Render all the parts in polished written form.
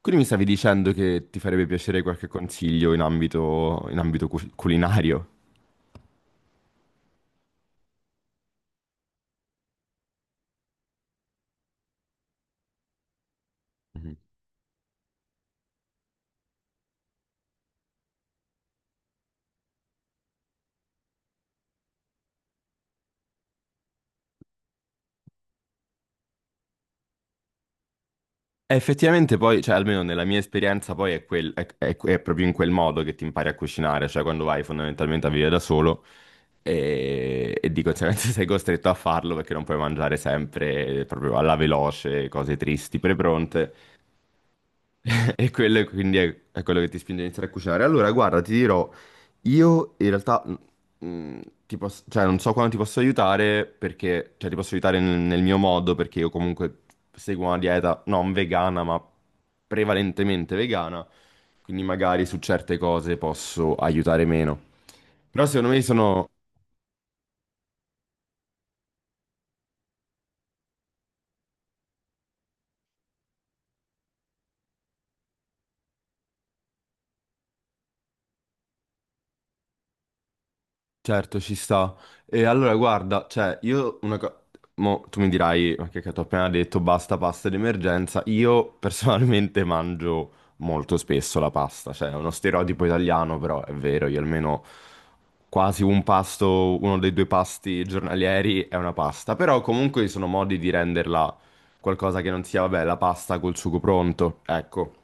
Quindi mi stavi dicendo che ti farebbe piacere qualche consiglio in ambito culinario? Mhm. E effettivamente poi, cioè almeno nella mia esperienza, poi è, quel- è proprio in quel modo che ti impari a cucinare, cioè quando vai fondamentalmente a vivere da solo e di conseguenza sei costretto a farlo perché non puoi mangiare sempre proprio alla veloce, cose tristi, prepronte. Quindi è quello che ti spinge a iniziare a cucinare. Allora, guarda, ti dirò, io in realtà cioè, non so quando ti posso aiutare perché, cioè, ti posso aiutare nel mio modo, perché io comunque seguo una dieta non vegana, ma prevalentemente vegana, quindi magari su certe cose posso aiutare meno. Però secondo me sono, certo, ci sta. E allora, guarda, cioè, io una cosa... Mo, tu mi dirai, ma che cacchio, ho appena detto, basta pasta d'emergenza. Io personalmente mangio molto spesso la pasta, cioè è uno stereotipo italiano, però è vero, io almeno quasi un pasto, uno dei due pasti giornalieri è una pasta. Però comunque ci sono modi di renderla qualcosa che non sia, vabbè, la pasta col sugo pronto. Ecco.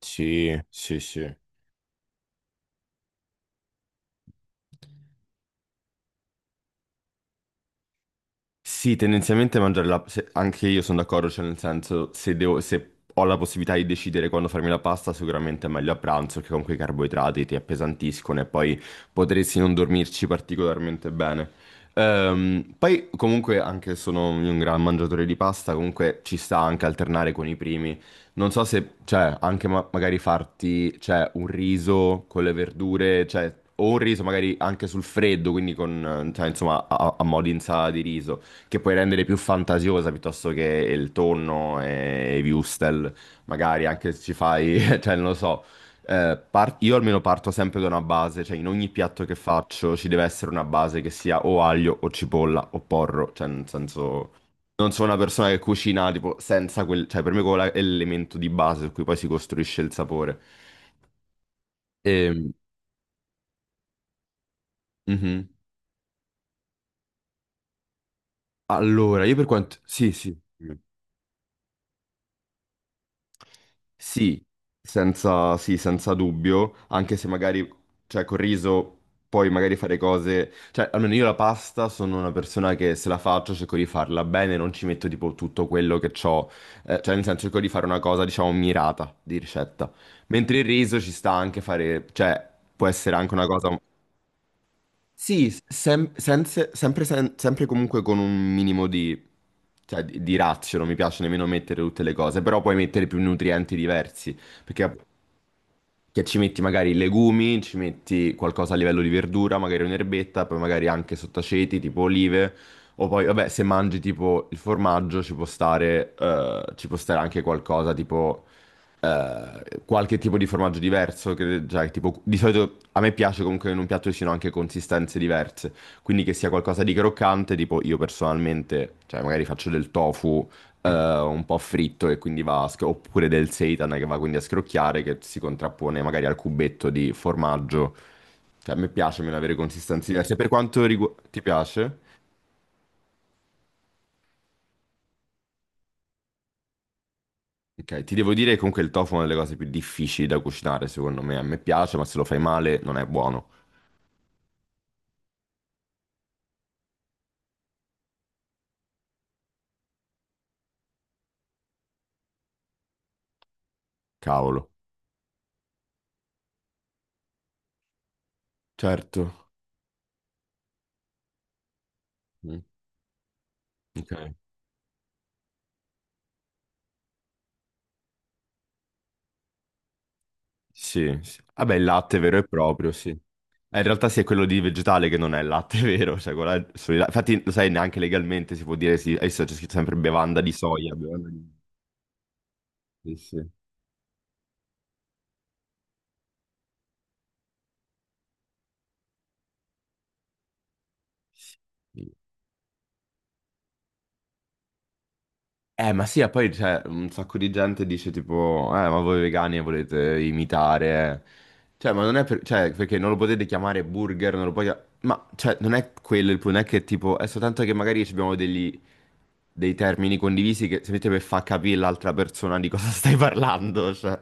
Sì, sì, sì. Sì, tendenzialmente mangiare la... anche io sono d'accordo, cioè nel senso, se ho la possibilità di decidere quando farmi la pasta, sicuramente è meglio a pranzo, che con quei carboidrati ti appesantiscono e poi potresti non dormirci particolarmente bene. Poi comunque, anche se sono un gran mangiatore di pasta, comunque ci sta anche alternare con i primi. Non so se, cioè, anche magari farti, cioè, un riso con le verdure, cioè, o un riso magari anche sul freddo, quindi con, cioè, insomma, a, a a mo' di insalata di riso, che puoi rendere più fantasiosa, piuttosto che il tonno e i wurstel, magari anche se ci fai, cioè non lo so. Io almeno parto sempre da una base, cioè in ogni piatto che faccio ci deve essere una base che sia o aglio o cipolla o porro, cioè nel senso non sono una persona che cucina tipo senza quel, cioè per me quello è l'elemento di base su cui poi si costruisce il sapore. Ehm, mhm. Allora, io per quanto... Sì, sì. Sì, sì, senza dubbio, anche se magari, cioè, col riso puoi magari fare cose, cioè, almeno io la pasta sono una persona che se la faccio cerco di farla bene, non ci metto tipo tutto quello che ho, cioè, nel senso cerco di fare una cosa, diciamo, mirata di ricetta, mentre il riso ci sta anche fare, cioè, può essere anche una cosa sì, sempre comunque con un minimo di, cioè, di razio, non mi piace nemmeno mettere tutte le cose, però puoi mettere più nutrienti diversi, perché che ci metti magari legumi, ci metti qualcosa a livello di verdura, magari un'erbetta, poi magari anche sottaceti, tipo olive, o poi, vabbè, se mangi tipo il formaggio ci può stare anche qualcosa tipo qualche tipo di formaggio diverso, che, cioè, tipo, di solito a me piace comunque che in un piatto ci siano anche consistenze diverse, quindi che sia qualcosa di croccante, tipo io personalmente, cioè magari faccio del tofu eh, un po' fritto e quindi va, oppure del seitan che va quindi a scrocchiare, che si contrappone magari al cubetto di formaggio, cioè a me piace meno avere consistenze diverse, per quanto riguarda... ti piace? Ok, ti devo dire che comunque il tofu è una delle cose più difficili da cucinare, secondo me. A me piace, ma se lo fai male non è buono. Cavolo. Certo. Mm, ok. Sì, sì. Vabbè, il latte vero e certo proprio, sì. In realtà sì, è quello di vegetale che non è il latte vero. Cioè, quello è solo infatti, lo sai, neanche legalmente si può dire sì. Adesso c'è scritto sempre bevanda di soia. Bevanda di... Sì, sì. Ma sì, e poi cioè, un sacco di gente dice tipo, ma voi vegani volete imitare. Cioè, ma non è cioè, perché non lo potete chiamare burger, non lo puoi... Ma, cioè, non è quello il punto, non è che tipo, è soltanto che magari ci abbiamo degli... dei termini condivisi che semplicemente per far capire l'altra persona di cosa stai parlando, cioè.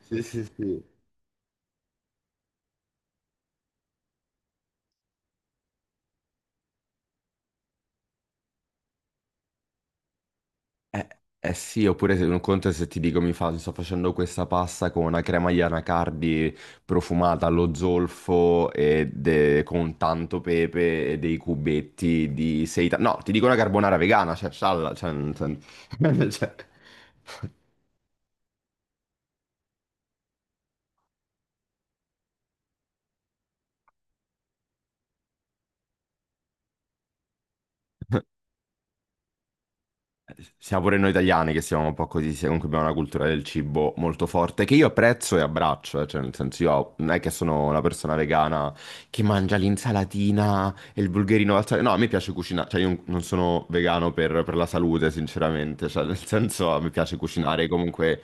Sì, sì, sì. Eh, eh sì, oppure se un conto è se ti dico mi fa, sto facendo questa pasta con una crema di anacardi profumata allo zolfo e con tanto pepe e dei cubetti di seitan. No, ti dico una carbonara vegana, cioè, scialla, cioè, cioè- cioè- siamo pure noi italiani che siamo un po' così, comunque abbiamo una cultura del cibo molto forte, che io apprezzo e abbraccio, cioè nel senso io non è che sono una persona vegana che mangia l'insalatina e il bulgherino, al sale. No, a me piace cucinare, cioè io non sono vegano per la salute, sinceramente, cioè nel senso a me piace cucinare comunque...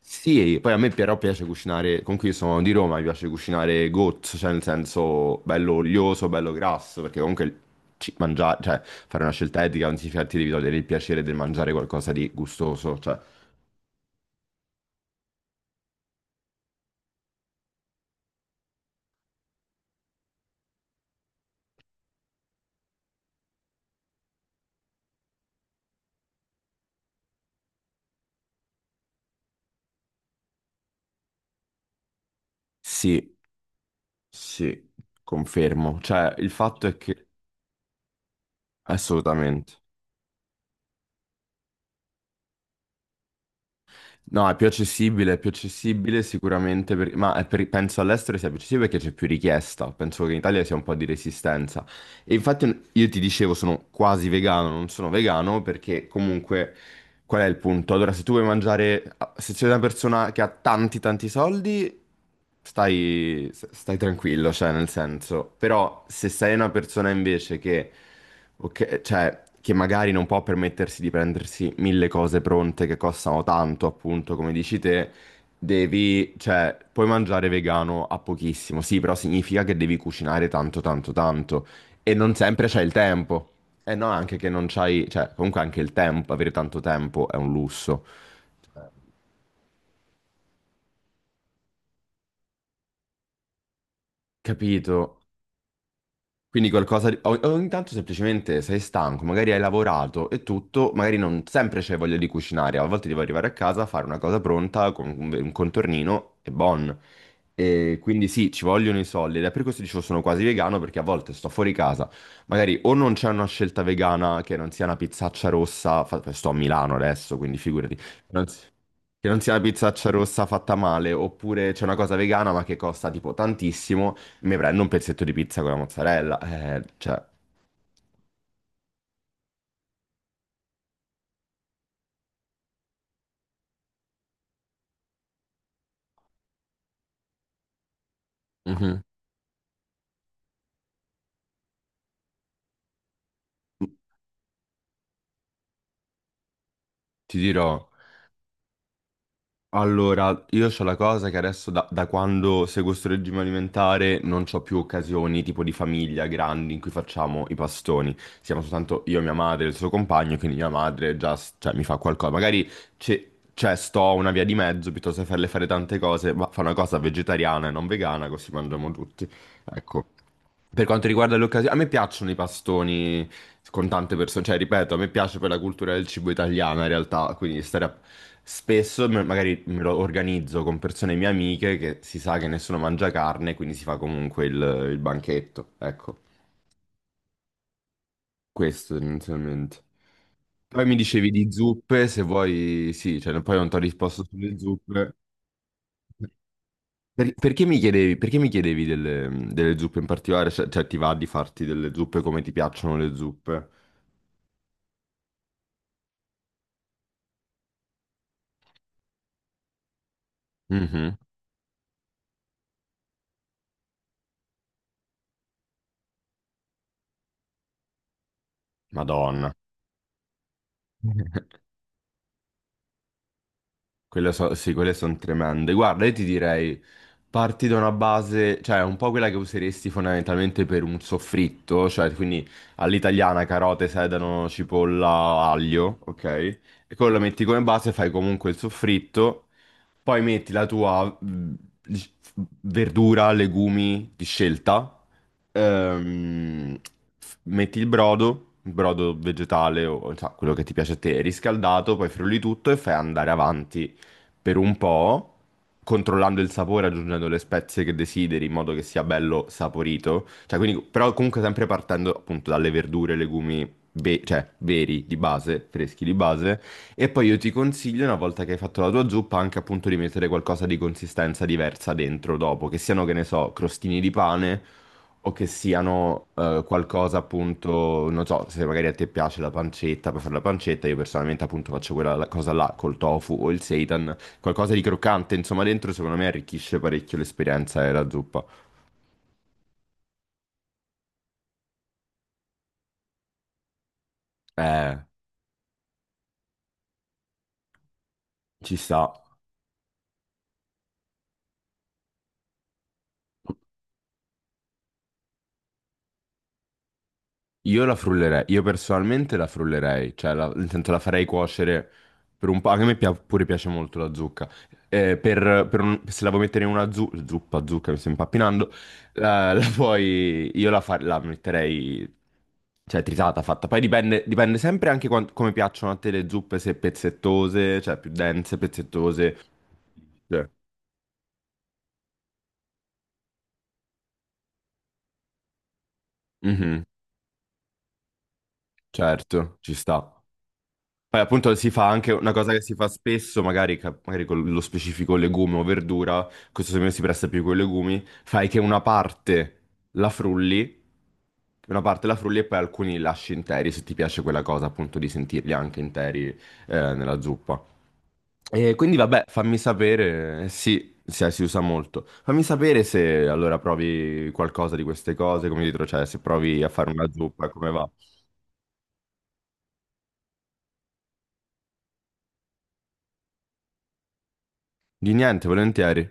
Sì, poi a me però piace cucinare, comunque io sono di Roma, mi piace cucinare gozzo, cioè nel senso bello olioso, bello grasso, perché comunque mangiare, cioè fare una scelta etica non significa che ti devi togliere il piacere del mangiare qualcosa di gustoso, cioè sì, sì, confermo, cioè il fatto è che assolutamente. No, è più accessibile sicuramente, ma è penso all'estero sia più accessibile perché c'è più richiesta, penso che in Italia sia un po' di resistenza. E infatti io ti dicevo, sono quasi vegano, non sono vegano perché comunque qual è il punto? Allora, se tu vuoi mangiare, se sei una persona che ha tanti tanti soldi, stai, stai tranquillo, cioè nel senso, però se sei una persona invece che, ok, cioè, che magari non può permettersi di prendersi mille cose pronte che costano tanto, appunto, come dici te, devi, cioè, puoi mangiare vegano a pochissimo, sì, però significa che devi cucinare tanto tanto tanto. E non sempre c'hai il tempo. E no, anche che non c'hai, cioè, comunque anche il tempo, avere tanto tempo è un lusso. Capito? Quindi qualcosa di... ogni tanto semplicemente sei stanco, magari hai lavorato e tutto, magari non sempre c'è voglia di cucinare, a volte devo arrivare a casa, fare una cosa pronta con un contornino e buon. E quindi sì, ci vogliono i soldi ed è per questo dicevo sono quasi vegano, perché a volte sto fuori casa, magari o non c'è una scelta vegana che non sia una pizzaccia rossa, sto a Milano adesso, quindi figurati, non si- che non sia la pizzaccia rossa fatta male, oppure c'è una cosa vegana ma che costa tipo tantissimo, mi prendo un pezzetto di pizza con la mozzarella. Cioè, mhm, ti dirò. Allora, io ho la cosa che adesso da quando seguo sto regime alimentare non ho più occasioni tipo di famiglia grandi in cui facciamo i pastoni. Siamo soltanto io, mia madre e il suo compagno, quindi mia madre già cioè, mi fa qualcosa. Magari c'è c'è, sto una via di mezzo, piuttosto che farle fare tante cose, ma fa una cosa vegetariana e non vegana così mangiamo tutti. Ecco. Per quanto riguarda le occasioni, a me piacciono i pastoni con tante persone, cioè ripeto, a me piace per la cultura del cibo italiana in realtà, quindi spesso magari me lo organizzo con persone mie amiche che si sa che nessuno mangia carne, quindi si fa comunque il banchetto, ecco, questo tendenzialmente. Poi mi dicevi di zuppe, se vuoi, sì, cioè no, poi non ti ho risposto sulle zuppe. Perché mi chiedevi delle, delle zuppe in particolare? Cioè, cioè, ti va di farti delle zuppe, come ti piacciono le zuppe? Mhm. Madonna. Sì, quelle sono tremende. Guarda, io ti direi, parti da una base, cioè un po' quella che useresti fondamentalmente per un soffritto, cioè quindi all'italiana carote, sedano, cipolla, aglio, ok? E quello lo metti come base, fai comunque il soffritto, poi metti la tua dic- verdura, legumi di scelta, ehm, metti il brodo vegetale o cioè, quello che ti piace a te, riscaldato, poi frulli tutto e fai andare avanti per un po', controllando il sapore, aggiungendo le spezie che desideri, in modo che sia bello saporito. Cioè, quindi, però comunque sempre partendo appunto dalle verdure, legumi, cioè veri di base, freschi di base. E poi io ti consiglio, una volta che hai fatto la tua zuppa, anche appunto di mettere qualcosa di consistenza diversa dentro dopo, che siano, che ne so, crostini di pane o che siano qualcosa appunto, non so, se magari a te piace la pancetta, puoi fare la pancetta, io personalmente appunto faccio quella cosa là col tofu o il seitan, qualcosa di croccante, insomma, dentro secondo me arricchisce parecchio l'esperienza della zuppa. Eh, ci sta. Io la frullerei, io personalmente la frullerei, cioè la, nel senso la farei cuocere per un po', anche a me pure piace molto la zucca. Se la vuoi mettere in una zuppa, zucca, mi sto impappinando, la, la puoi, io la, fa- la metterei, cioè tritata, fatta, poi dipende, dipende sempre anche come piacciono a te le zuppe, se pezzettose, cioè più dense, pezzettose, cioè. Mhm. Certo, ci sta. Poi appunto si fa anche una cosa che si fa spesso, magari, magari con lo specifico legume o verdura, questo secondo me si presta più con i legumi, fai che una parte la frulli, una parte la frulli e poi alcuni li lasci interi, se ti piace quella cosa appunto di sentirli anche interi nella zuppa. E quindi vabbè, fammi sapere, sì, sì, si usa molto. Fammi sapere se allora provi qualcosa di queste cose, come dietro, cioè se provi a fare una zuppa, come va. Di niente, volentieri.